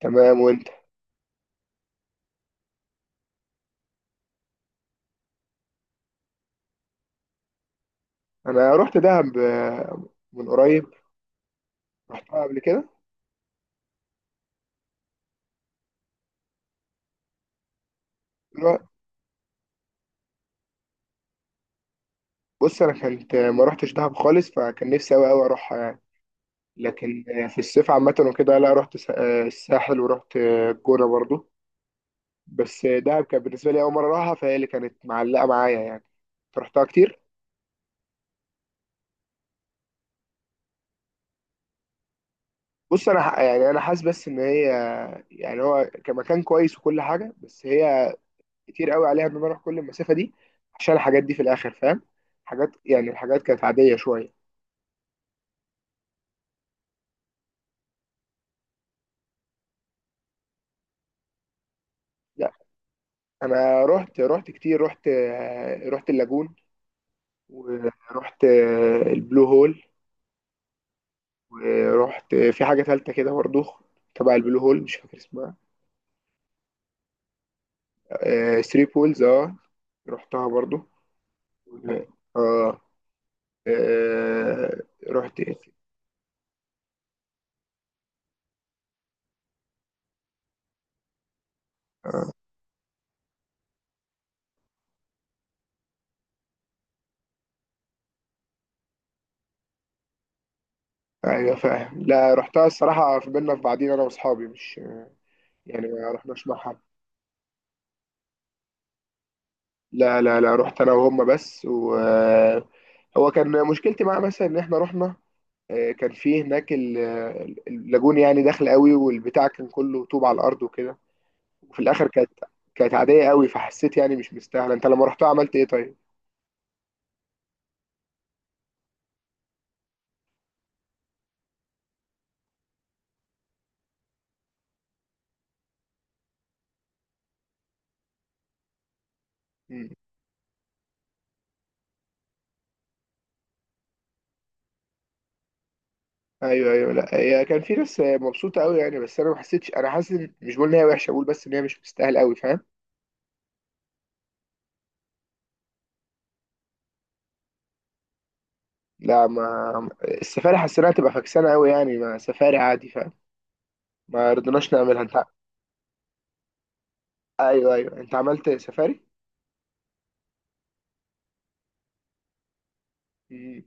تمام وانت. انا رحت دهب من قريب. رحتها قبل كده. بص انا كنت ما رحتش دهب خالص، فكان نفسي قوي قوي اروحها يعني. لكن في الصيف عامه وكده، لا رحت الساحل، ورحت الجونه برضو. بس دهب كان بالنسبه لي اول مره اروحها، فهي اللي كانت معلقه معايا يعني. رحتها كتير. بص يعني انا حاسس بس ان هي، يعني هو كمكان كويس وكل حاجه، بس هي كتير قوي عليها ان انا اروح كل المسافه دي عشان الحاجات دي في الاخر، فاهم؟ حاجات يعني الحاجات كانت عاديه شويه. انا رحت كتير. رحت اللاجون، ورحت البلو هول، ورحت في حاجة تالتة كده برضو تبع البلو هول، مش فاكر اسمها. آه ثري بولز، اه. رحتها برضو. اه. آه، رحت إيه؟ ايوه فاهم. لا رحتها الصراحة في بينا في بعضين انا واصحابي، مش يعني ما رحناش مع حد. لا لا لا، رحت انا وهم بس، و آه، هو كان مشكلتي معاه مثلا ان احنا رحنا كان في هناك اللاجون يعني داخل قوي، والبتاع كان كله طوب على الارض وكده، وفي الاخر كانت، كانت عاديه قوي. فحسيت يعني مش مستاهله. انت لما رحتها عملت ايه طيب؟ مم. ايوه ايوه، لا هي كان في ناس مبسوطه قوي يعني، بس انا ما حسيتش. انا حاسس مش بقول ان هي وحشه، بقول بس ان هي مش مستاهله قوي، فاهم؟ لا ما السفاري حسيناها تبقى فكسانه قوي يعني، ما سفاري عادي فاهم. ما رضيناش نعملها. انت ايوه ايوه، انت عملت سفاري. مم.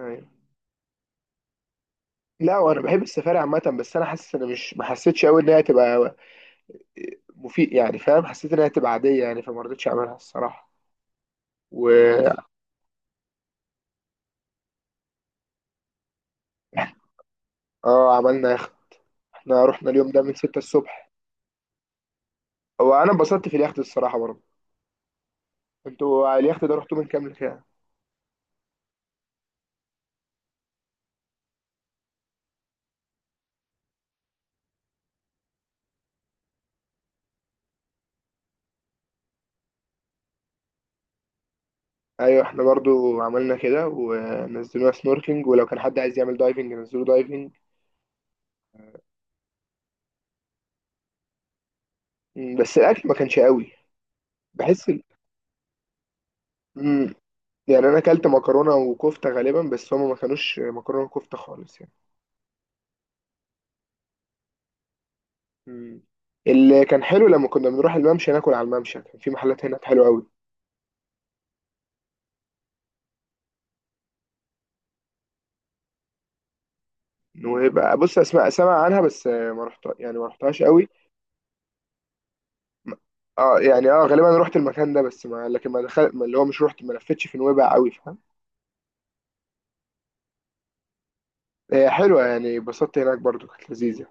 ايوه، لا وانا بحب السفاري عامه، بس انا حاسس ان مش ما حسيتش قوي ان هي تبقى مفيد يعني فاهم. حسيت انها هتبقى عاديه يعني، فما رضيتش اعملها الصراحه. و اه عملنا يخت. احنا رحنا اليوم ده من 6 الصبح، وانا انبسطت في اليخت الصراحه برضه. انتوا على اليخت ده رحتوا من كام لكام؟ ايوه احنا برضو عملنا كده، ونزلونا سنوركينج، ولو كان حد عايز يعمل دايفنج نزلوا دايفنج. مم، بس الاكل ما كانش قوي. بحس ال... مم، يعني انا اكلت مكرونه وكفته غالبا، بس هما ما كانوش مكرونه وكفته خالص يعني. مم. اللي كان حلو لما كنا بنروح الممشى ناكل على الممشى، كان في محلات هناك حلوه قوي. ويبقى بص اسمع، سمع عنها، بس ما رحت يعني ما رحتهاش قوي. م- اه يعني اه غالبا رحت المكان ده، بس ما لكن ما دخلت، ما اللي هو مش رحت، ما لفتش في نويبع قوي فاهم. هي حلوه يعني، اتبسطت هناك برضو، كانت لذيذه.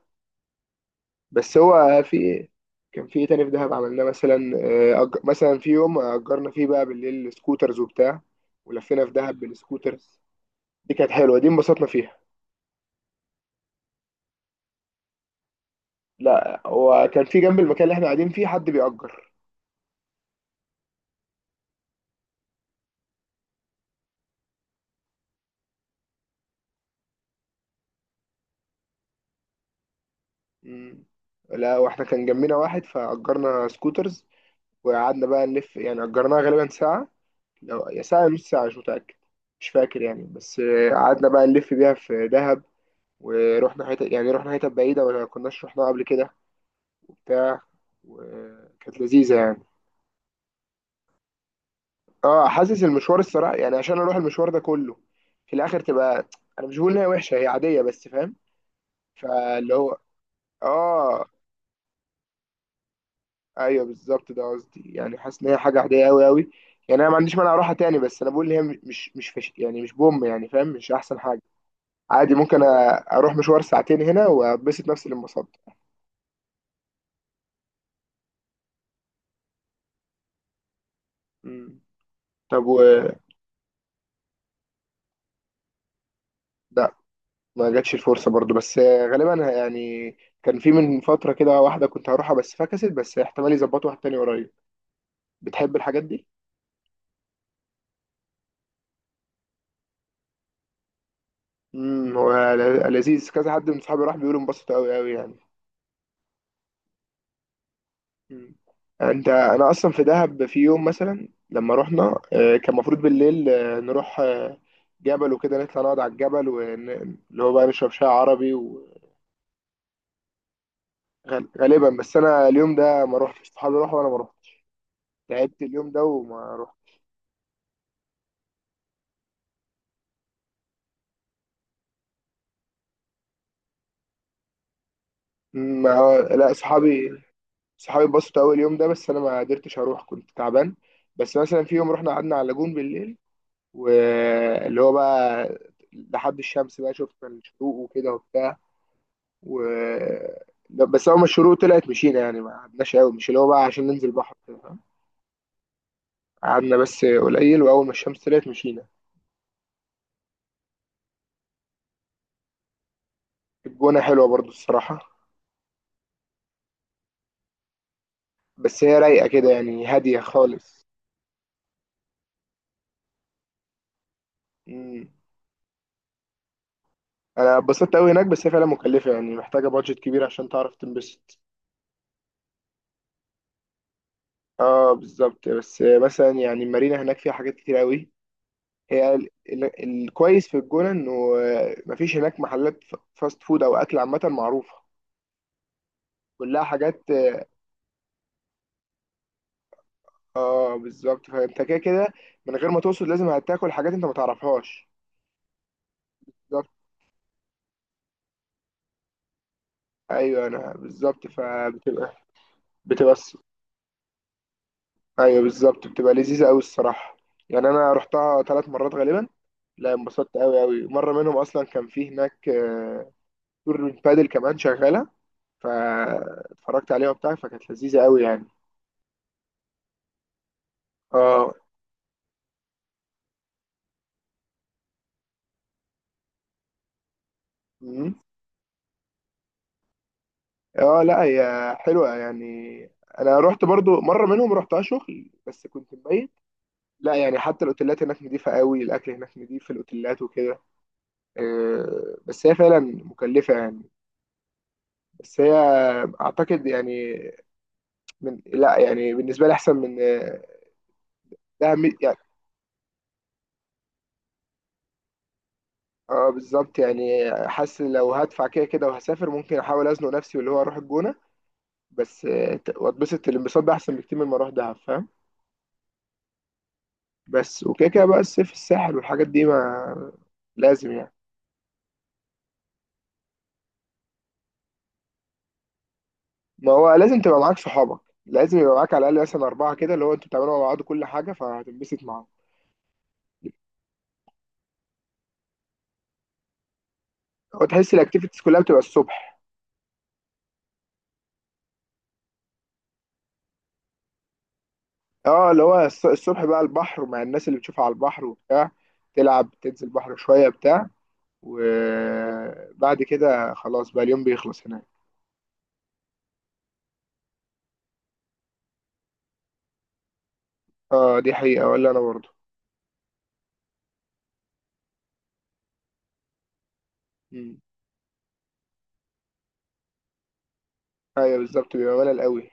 بس هو في، كان في ايه تاني في دهب عملناه مثلا؟ مثلا في يوم اجرنا فيه بقى بالليل سكوترز وبتاع، ولفينا في دهب بالسكوترز. دي كانت حلوه، دي انبسطنا فيها. لا هو كان في جنب المكان اللي احنا قاعدين فيه حد بيأجر. مم. لا واحنا كان جنبنا واحد، فأجرنا سكوترز وقعدنا بقى نلف يعني. أجرناها غالبا ساعة، لو يا ساعة يا نص ساعة مش متأكد، مش فاكر يعني. بس قعدنا بقى نلف بيها في دهب. ورحنا حتة، يعني رحنا حتة بعيدة ولا كناش رحناها قبل كده وبتاع، وكانت لذيذة يعني. اه حاسس المشوار الصراحة يعني، عشان اروح المشوار ده كله في الاخر تبقى، انا مش بقول ان هي وحشة، هي عادية، بس فاهم. فاللي هو اه ايوه بالظبط، ده قصدي يعني. حاسس ان هي حاجه عاديه قوي قوي يعني. انا ما عنديش مانع اروحها تاني، بس انا بقول ان هي مش يعني، مش بوم يعني فاهم، مش احسن حاجه. عادي ممكن اروح مشوار ساعتين هنا وابسط نفسي للمصد. مم. طب و، لا ما جاتش الفرصه برضو، بس غالبا يعني كان في من فتره كده واحده كنت هروحها بس فكست، بس احتمال يظبطوا واحد تاني قريب. بتحب الحاجات دي؟ هو لذيذ، كذا حد من صحابي راح بيقولوا انبسطوا قوي قوي يعني. مم. انت انا اصلا في دهب في يوم مثلا لما رحنا كان المفروض بالليل نروح جبل وكده، نطلع نقعد على الجبل اللي هو بقى نشرب شاي عربي. وغالبا بس انا اليوم ده ما روحتش، صحابي راحوا وانا ما روحتش. تعبت اليوم ده وما روحت. ما لا صحابي صحابي اتبسطوا قوي اليوم ده، بس انا ما قدرتش اروح، كنت تعبان. بس مثلا في يوم رحنا قعدنا على اللاجون بالليل، واللي هو بقى لحد الشمس بقى، شفنا الشروق وكده وبتاع. و لا، بس اول ما الشروق طلعت مشينا يعني، ما قعدناش قوي، مش اللي هو بقى عشان ننزل بحر كده، فاهم. قعدنا بس قليل، واول ما الشمس طلعت مشينا. الجونه حلوه برضو الصراحه، بس هي رايقه كده يعني، هاديه خالص. مم. انا اتبسطت قوي هناك، بس هي فعلا مكلفه يعني، محتاجه بادجت كبير عشان تعرف تنبسط. اه بالظبط. بس مثلا يعني المارينا هناك فيها حاجات كتير قوي. هي الكويس في الجونه انه مفيش هناك محلات فاست فود او اكل عامه معروفه. كلها حاجات، اه بالظبط. فانت كده كده من غير ما تقصد لازم هتاكل حاجات انت ما تعرفهاش. بالظبط، ايوه انا بالظبط فبتبقى، بتبقى الص- ايوه بالظبط، بتبقى لذيذه قوي الصراحه. يعني انا رحتها ثلاث مرات غالبا. لا انبسطت قوي قوي. مره منهم اصلا كان في هناك تور من بادل كمان شغاله، فاتفرجت عليها وبتاع، فكانت لذيذه قوي يعني. اه. مم. اه لا هي حلوه يعني. انا رحت برضو مره منهم رحتها شغل، بس كنت مبيت. لا يعني حتى الاوتيلات هناك نضيفة قوي، الاكل هناك نضيف في الاوتيلات وكده. بس هي فعلا مكلفة يعني. بس هي اعتقد يعني، لا يعني بالنسبة لي احسن من دهب يعني. اه بالظبط يعني، حاسس لو هدفع كده كده وهسافر، ممكن احاول ازنق نفسي واللي هو اروح الجونة. بس واتبسط الانبساط ده احسن بكتير من ما اروح دهب فاهم. بس وكده كده بقى الصيف الساحل والحاجات دي ما لازم يعني. ما هو لازم تبقى معاك صحابك، لازم يبقى معاك على الاقل مثلا اربعه كده، اللي هو انتوا بتعملوا مع بعض كل حاجه، فهتنبسط معاهم. وتحس الاكتيفيتيز كلها بتبقى الصبح. اه اللي هو الصبح بقى البحر، ومع الناس اللي بتشوفها على البحر وبتاع، تلعب تنزل البحر شويه بتاع، وبعد كده خلاص بقى اليوم بيخلص هناك. اه دي حقيقه، ولا انا برضه. مم. ايوه بالظبط، بيبقى ملل قوي.